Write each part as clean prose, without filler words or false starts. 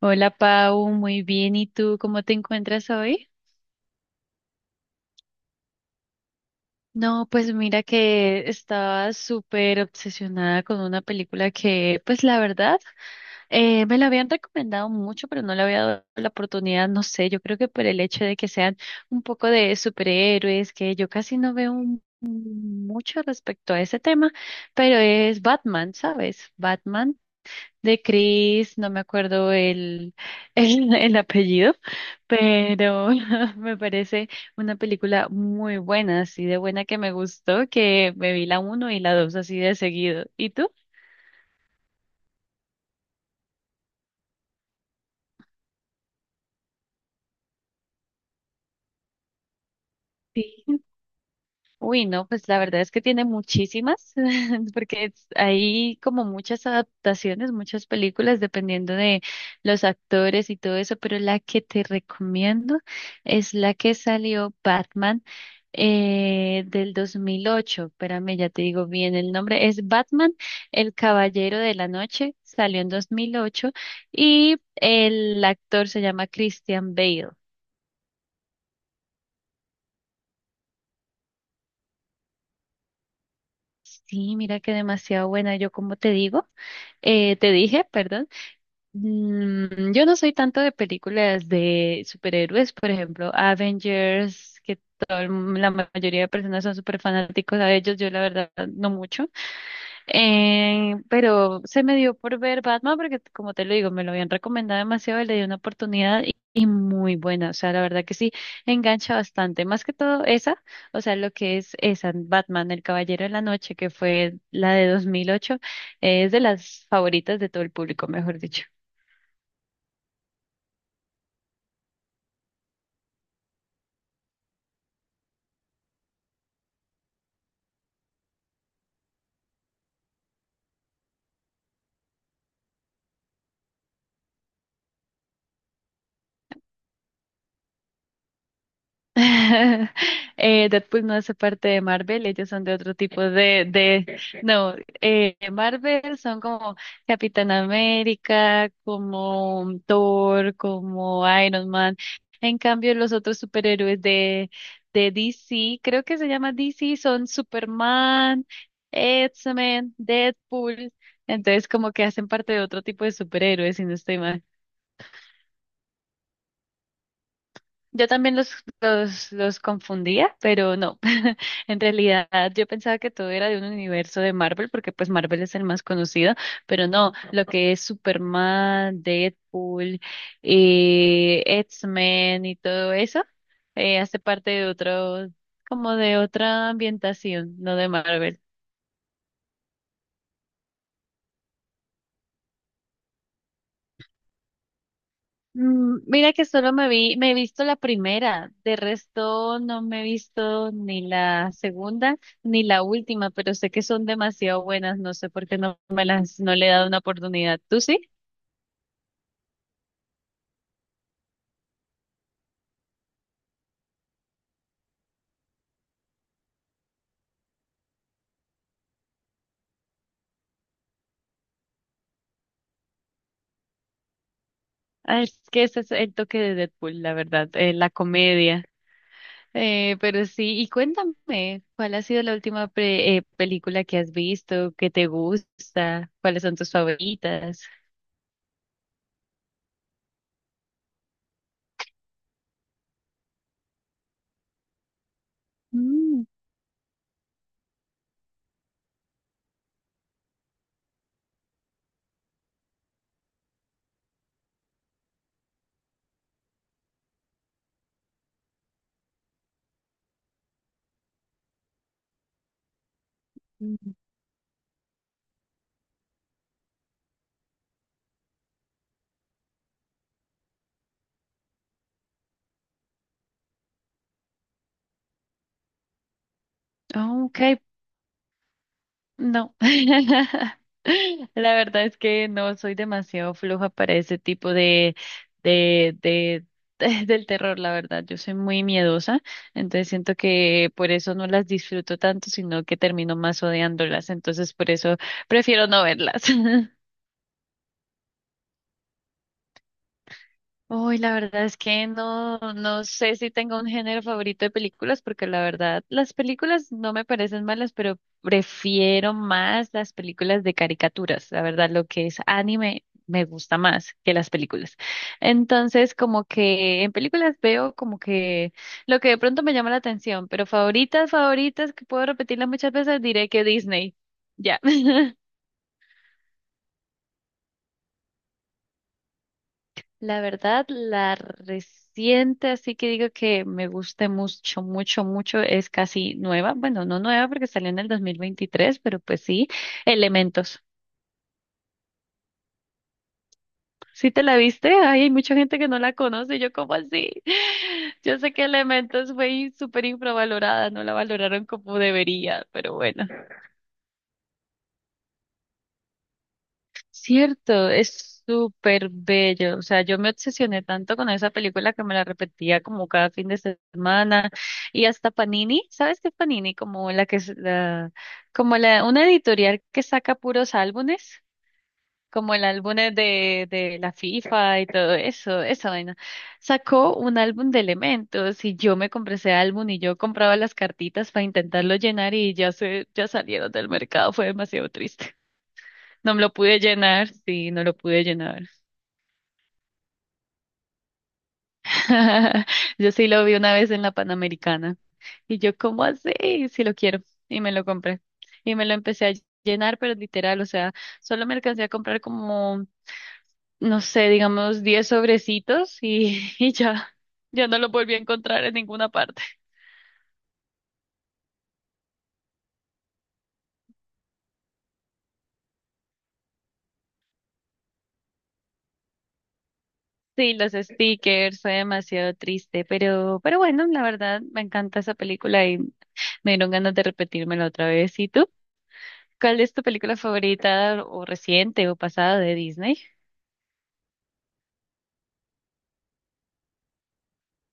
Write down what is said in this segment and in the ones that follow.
Hola Pau, muy bien. ¿Y tú cómo te encuentras hoy? No, pues mira que estaba súper obsesionada con una película que, pues la verdad, me la habían recomendado mucho, pero no le había dado la oportunidad, no sé, yo creo que por el hecho de que sean un poco de superhéroes, que yo casi no veo mucho respecto a ese tema, pero es Batman, ¿sabes? Batman de Chris, no me acuerdo el, el apellido, pero me parece una película muy buena, así de buena que me gustó, que me vi la uno y la dos así de seguido. ¿Y tú? Sí. Uy, no, pues la verdad es que tiene muchísimas, porque hay como muchas adaptaciones, muchas películas, dependiendo de los actores y todo eso, pero la que te recomiendo es la que salió Batman, del 2008. Espérame, ya te digo bien el nombre. Es Batman, el Caballero de la Noche, salió en 2008 y el actor se llama Christian Bale. Sí, mira que demasiado buena. Yo, como te digo, te dije, perdón, yo no soy tanto de películas de superhéroes, por ejemplo, Avengers, que la mayoría de personas son súper fanáticos a ellos. Yo, la verdad, no mucho. Pero se me dio por ver Batman porque, como te lo digo, me lo habían recomendado demasiado, y le di una oportunidad y, muy buena. O sea, la verdad que sí, engancha bastante. Más que todo esa, o sea, lo que es esa, Batman, El Caballero de la Noche, que fue la de 2008. Es de las favoritas de todo el público, mejor dicho. Deadpool no hace parte de Marvel, ellos son de otro tipo de, no, Marvel son como Capitán América, como Thor, como Iron Man. En cambio, los otros superhéroes de DC, creo que se llama DC, son Superman, X-Men, Deadpool. Entonces, como que hacen parte de otro tipo de superhéroes, si no estoy mal. Yo también los confundía, pero no. En realidad yo pensaba que todo era de un universo de Marvel, porque pues Marvel es el más conocido, pero no, lo que es Superman, Deadpool, X-Men y todo eso, hace parte de otro, como de otra ambientación, no de Marvel. Mira que solo me he visto la primera, de resto no me he visto ni la segunda ni la última, pero sé que son demasiado buenas, no sé por qué no le he dado una oportunidad. ¿Tú sí? Ah, es que ese es el toque de Deadpool, la verdad, la comedia. Pero sí, y cuéntame, ¿cuál ha sido la última película que has visto, que te gusta, cuáles son tus favoritas? Mm, mm, Oh, ok. No. La verdad es que no soy demasiado floja para ese tipo de, del terror, la verdad. Yo soy muy miedosa, entonces siento que por eso no las disfruto tanto, sino que termino más odiándolas. Entonces por eso prefiero no verlas. Uy, la verdad es que no, no sé si tengo un género favorito de películas, porque la verdad, las películas no me parecen malas, pero prefiero más las películas de caricaturas. La verdad, lo que es anime me gusta más que las películas. Entonces, como que en películas veo como que lo que de pronto me llama la atención, pero favoritas, favoritas, que puedo repetirlas muchas veces, diré que Disney. Ya. La verdad, la reciente, así que digo que me gusta mucho, mucho, mucho, es casi nueva. Bueno, no nueva porque salió en el 2023, pero pues sí, Elementos. ¿Sí te la viste? Ay, hay mucha gente que no la conoce. Yo, ¿cómo así? Yo sé que Elementos fue súper infravalorada, no la valoraron como debería, pero bueno. Cierto, es súper bello. O sea, yo me obsesioné tanto con esa película que me la repetía como cada fin de semana. Y hasta Panini, ¿sabes qué es Panini? Como la que es la, como la, una editorial que saca puros álbumes, como el álbum de la FIFA y todo eso, esa vaina. Sacó un álbum de elementos y yo me compré ese álbum y yo compraba las cartitas para intentarlo llenar y ya salieron del mercado. Fue demasiado triste. No me lo pude llenar, sí, no lo pude llenar. Yo sí lo vi una vez en la Panamericana. Y yo, ¿cómo así? Sí lo quiero. Y me lo compré. Y me lo empecé a llenar, pero literal, o sea, solo me alcancé a comprar como, no sé, digamos, 10 sobrecitos y, y ya, ya no lo volví a encontrar en ninguna parte. Sí, los stickers, fue demasiado triste, pero bueno, la verdad me encanta esa película y me dieron ganas de repetírmela otra vez. ¿Y tú? ¿Cuál es tu película favorita o reciente o pasada de Disney?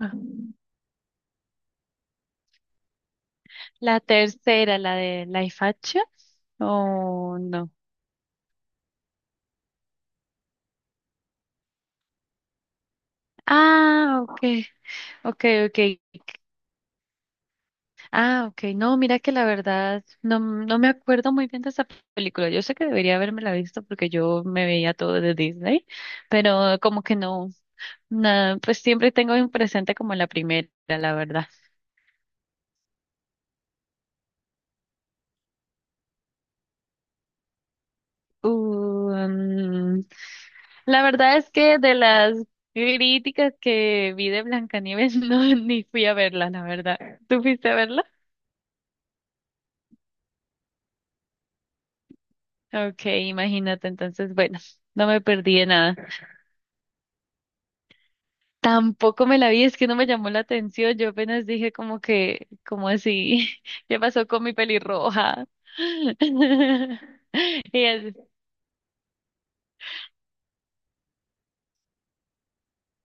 Ah. La tercera, la de Life Action. Oh, no. Ah, ok, ok, ok. Ah, ok. No, mira que la verdad no, no me acuerdo muy bien de esa película. Yo sé que debería haberme la visto porque yo me veía todo de Disney, pero como que no, pues siempre tengo en presente como la primera, la verdad. Uh, mm, La verdad es que de las críticas que vi de Blancanieves, no, ni fui a verla, la verdad. ¿Tú fuiste a verla? Ok, imagínate, entonces, bueno, no me perdí de nada. Tampoco me la vi, es que no me llamó la atención. Yo apenas dije como que, como así, ¿qué pasó con mi pelirroja? Y es-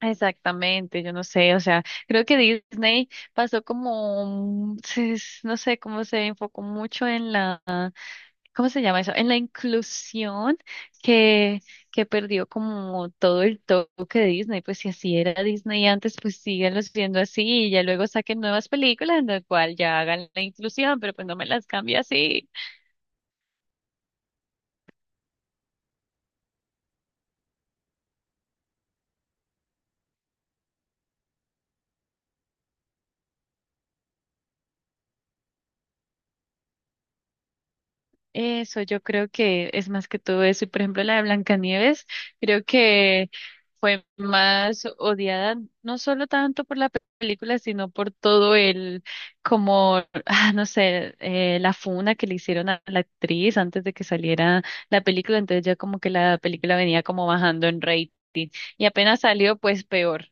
exactamente, yo no sé, o sea, creo que Disney pasó como, no sé, cómo se enfocó mucho en la, ¿cómo se llama eso? En la inclusión que, perdió como todo el toque de Disney, pues si así era Disney antes, pues síganlos viendo así y ya luego saquen nuevas películas en las cual ya hagan la inclusión, pero pues no me las cambie así. Eso, yo creo que es más que todo eso. Y por ejemplo, la de Blancanieves, creo que fue más odiada, no solo tanto por la película, sino por todo el, como, ah, no sé, la funa que le hicieron a la actriz antes de que saliera la película. Entonces ya como que la película venía como bajando en rating. Y apenas salió, pues peor.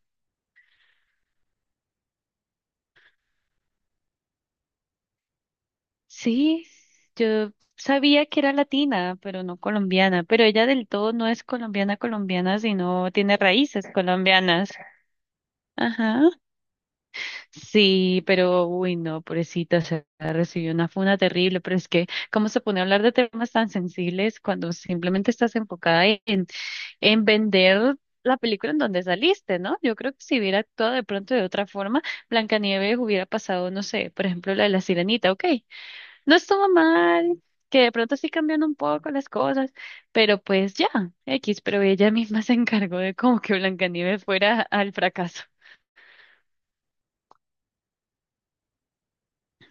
Sí, yo sabía que era latina, pero no colombiana, pero ella del todo no es colombiana colombiana, sino tiene raíces colombianas. Ajá. Sí, pero uy, no, pobrecita, se recibió una funa terrible, pero es que cómo se pone a hablar de temas tan sensibles cuando simplemente estás enfocada en vender la película en donde saliste, ¿no? Yo creo que si hubiera actuado de pronto de otra forma, Blancanieves hubiera pasado, no sé, por ejemplo, la de la Sirenita, ok, no estuvo mal, que de pronto sí cambian un poco las cosas, pero pues ya, X, pero ella misma se encargó de como que Blancanieves fuera al fracaso.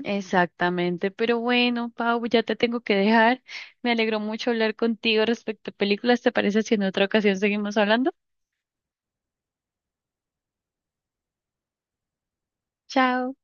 Exactamente, pero bueno, Pau, ya te tengo que dejar. Me alegró mucho hablar contigo respecto a películas. ¿Te parece si en otra ocasión seguimos hablando? Chao.